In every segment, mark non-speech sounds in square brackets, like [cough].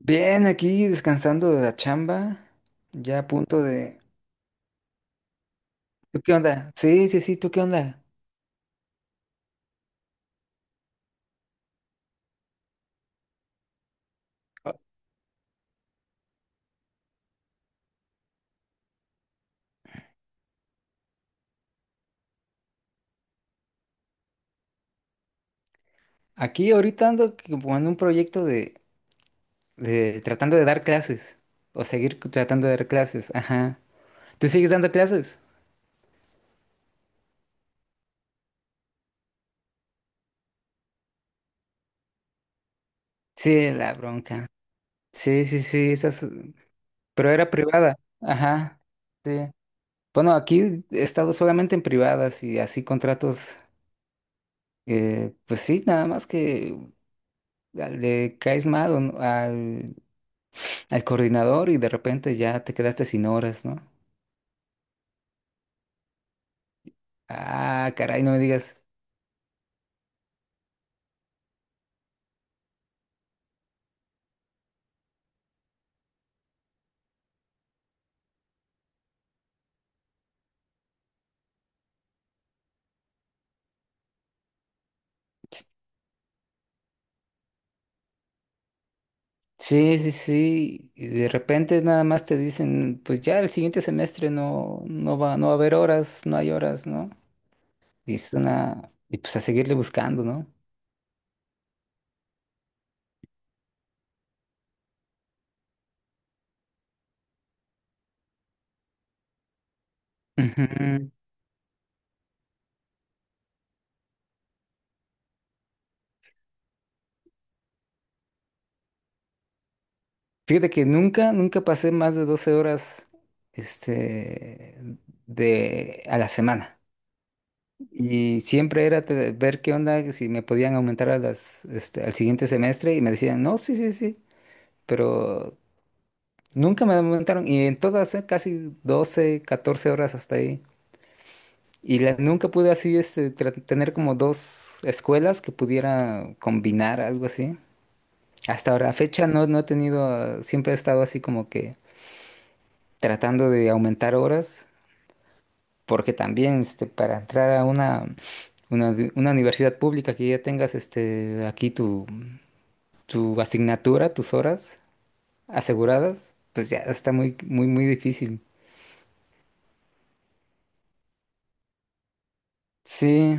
Bien, aquí descansando de la chamba, ya a punto de... ¿Tú qué onda? Sí, sí, sí, ¿tú qué onda? Aquí ahorita ando como en un proyecto de tratando de dar clases, o seguir tratando de dar clases, ajá. ¿Tú sigues dando clases? Sí, la bronca. Sí, sí, sí, esas... Pero era privada, ajá. Sí. Bueno, aquí he estado solamente en privadas y así contratos, pues sí, nada más que le caes mal o no- al coordinador y de repente ya te quedaste sin horas, ¿no? Ah, caray, no me digas. Sí, sí, sí. Y de repente nada más te dicen, pues ya el siguiente semestre no, no va, no va a haber horas, no hay horas, ¿no? Y es una, y pues a seguirle buscando, ¿no? Ujú. Fíjate que nunca, nunca pasé más de 12 horas, este, de, a la semana. Y siempre era ver qué onda, si me podían aumentar a las, al siguiente semestre y me decían, no, sí, sí, sí, pero nunca me aumentaron y en todas, casi 12 14 horas hasta ahí. Nunca pude así tener como dos escuelas que pudiera combinar algo así. Hasta ahora, a fecha no, no he tenido, ah, siempre he estado así como que tratando de aumentar horas, porque también para entrar a una, una universidad pública que ya tengas aquí tu, tu asignatura, tus horas aseguradas, pues ya está muy, muy, muy difícil. Sí.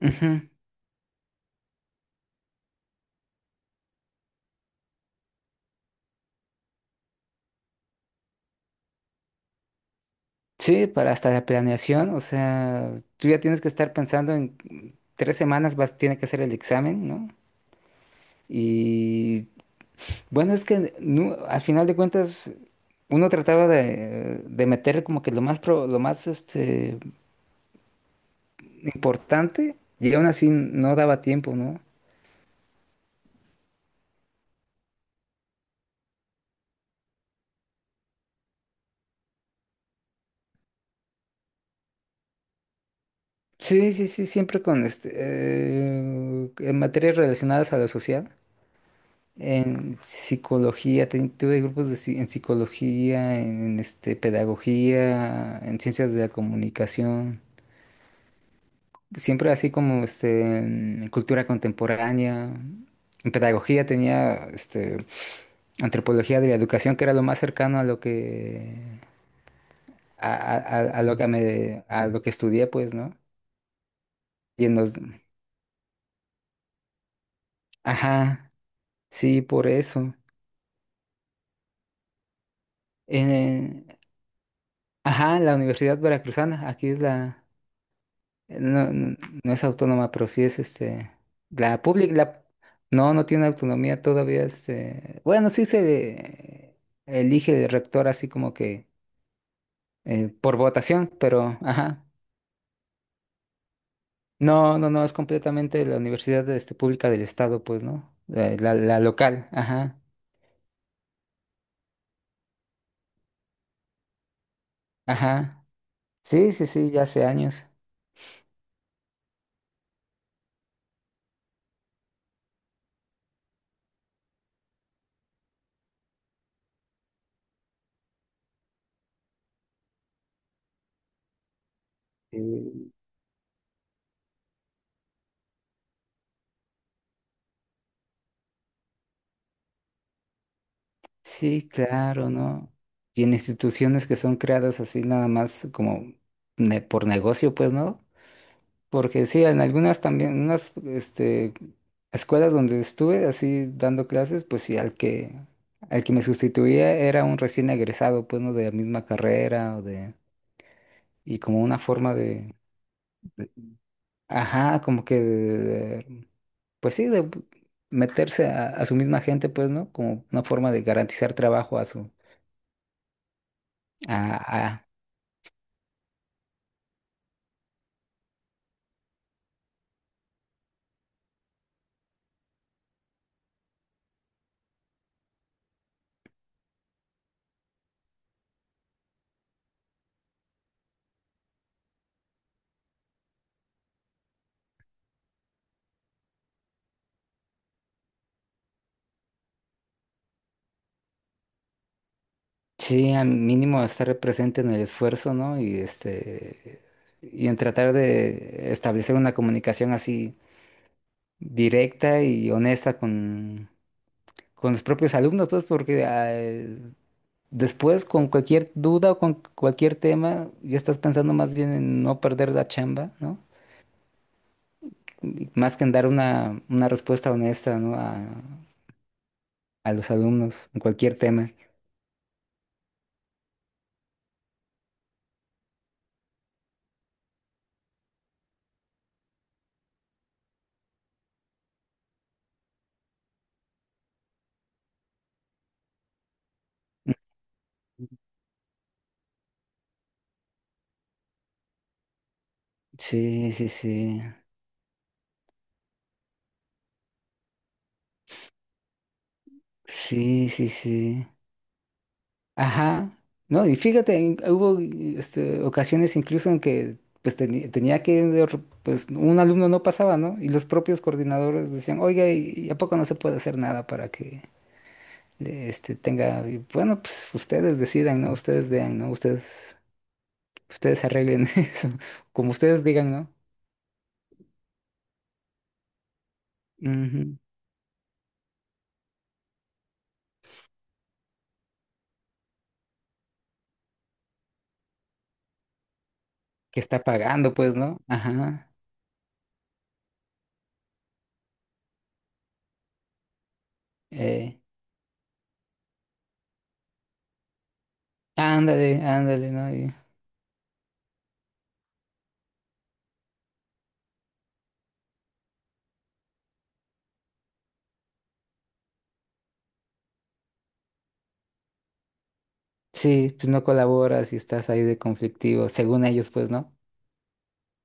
Ujú. Sí, para hasta la planeación, o sea, tú ya tienes que estar pensando en tres semanas vas, tiene que hacer el examen, ¿no? Y bueno, es que al final de cuentas uno trataba de meter como que lo más lo más importante y aún así no daba tiempo, ¿no? Sí, sí, sí, siempre con en materias relacionadas a lo social. En psicología, tuve grupos de, en psicología, en, pedagogía, en ciencias de la comunicación, siempre así como en cultura contemporánea. En pedagogía tenía antropología de la educación, que era lo más cercano a lo que, a lo que me, a lo que estudié, pues, ¿no? Y en los, ajá, sí, por eso. En, ajá, la Universidad Veracruzana, aquí es la... No, no, no es autónoma, pero sí es este. La pública, la, no, no tiene autonomía todavía. Este, bueno, sí se elige el rector así como que por votación, pero ajá. No, no, no, es completamente la universidad pública del estado, pues, ¿no? La local, ajá, ajá. Sí, sí, sí, ya hace años. Sí. Sí, claro, ¿no? Y en instituciones que son creadas así nada más como por negocio, pues, ¿no? Porque sí, en algunas también, en unas escuelas donde estuve así dando clases, pues sí, al que me sustituía era un recién egresado, pues no de la misma carrera o de, y como una forma de, de- ajá, como que, de- pues sí, de meterse a su misma gente, pues, ¿no? Como una forma de garantizar trabajo a su, a, a- sí, al mínimo estar presente en el esfuerzo, ¿no? Y y en tratar de establecer una comunicación así directa y honesta con los propios alumnos, pues porque después con cualquier duda o con cualquier tema ya estás pensando más bien en no perder la chamba, ¿no? Y más que en dar una respuesta honesta, ¿no? A los alumnos en cualquier tema. Sí, sí, sí. Sí, sí, sí. Ajá, no, y fíjate, hubo ocasiones incluso en que pues tenía que, pues un alumno no pasaba, ¿no? Y los propios coordinadores decían, oiga, y a poco no se puede hacer nada para que tenga, y bueno, pues ustedes decidan, ¿no? Ustedes vean, ¿no? Ustedes, ustedes arreglen [laughs] eso, como ustedes digan, ¿no? Ujú. Que está pagando, pues, ¿no? Ajá, eh, ándale, ándale, ¿no? Y sí, pues no colaboras y estás ahí de conflictivo, según ellos, pues, ¿no?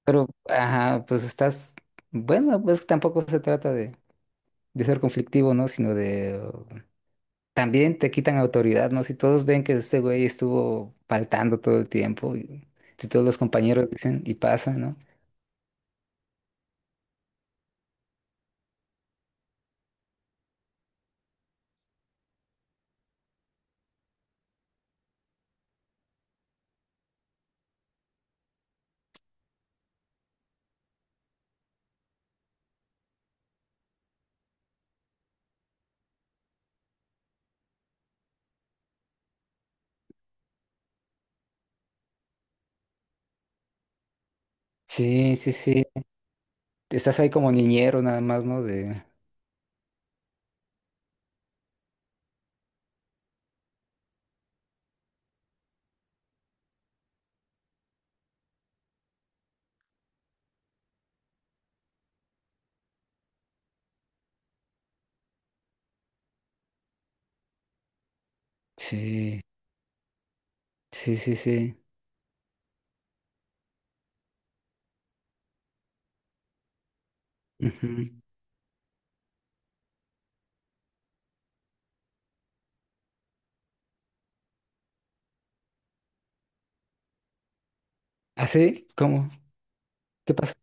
Pero, ajá, pues estás, bueno, pues tampoco se trata de ser conflictivo, ¿no? Sino de, también te quitan autoridad, ¿no? Si todos ven que este güey estuvo faltando todo el tiempo, y si todos los compañeros dicen y pasa, ¿no? Sí, sí, sí. Estás ahí como niñero nada más, ¿no? De, sí, sí, sí, sí. Ujú. ¿Ah, sí? ¿Cómo? ¿Qué pasa?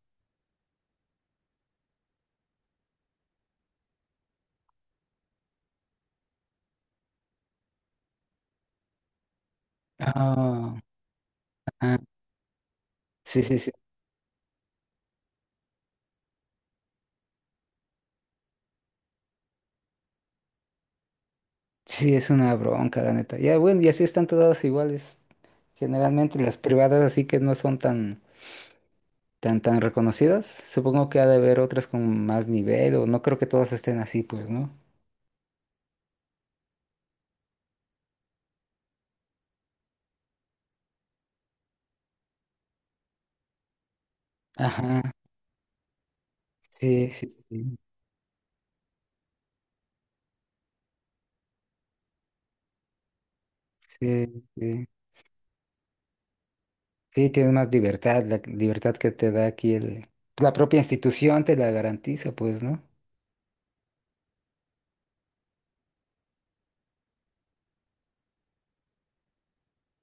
Ah, ah, sí, sí. Sí, es una bronca, la neta. Ya, bueno, y así están todas iguales. Generalmente las privadas así que no son tan, tan, tan reconocidas. Supongo que ha de haber otras con más nivel, o no creo que todas estén así, pues, ¿no? Ajá, sí, sí, sí, sí, sí. Sí, tienes más libertad, la libertad que te da aquí el, la propia institución te la garantiza, pues, ¿no?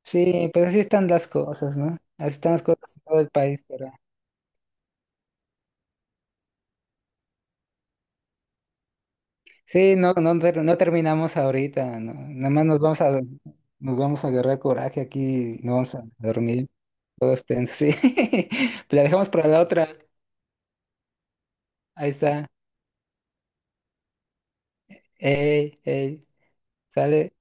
Sí, pues así están las cosas, ¿no? Así están las cosas en todo el país, pero... Sí, no, no, no terminamos ahorita, no, nada más nos vamos a agarrar coraje aquí, nos vamos a dormir, todos tensos, sí. [laughs] La dejamos para la otra, ahí está, ey, ey, sale.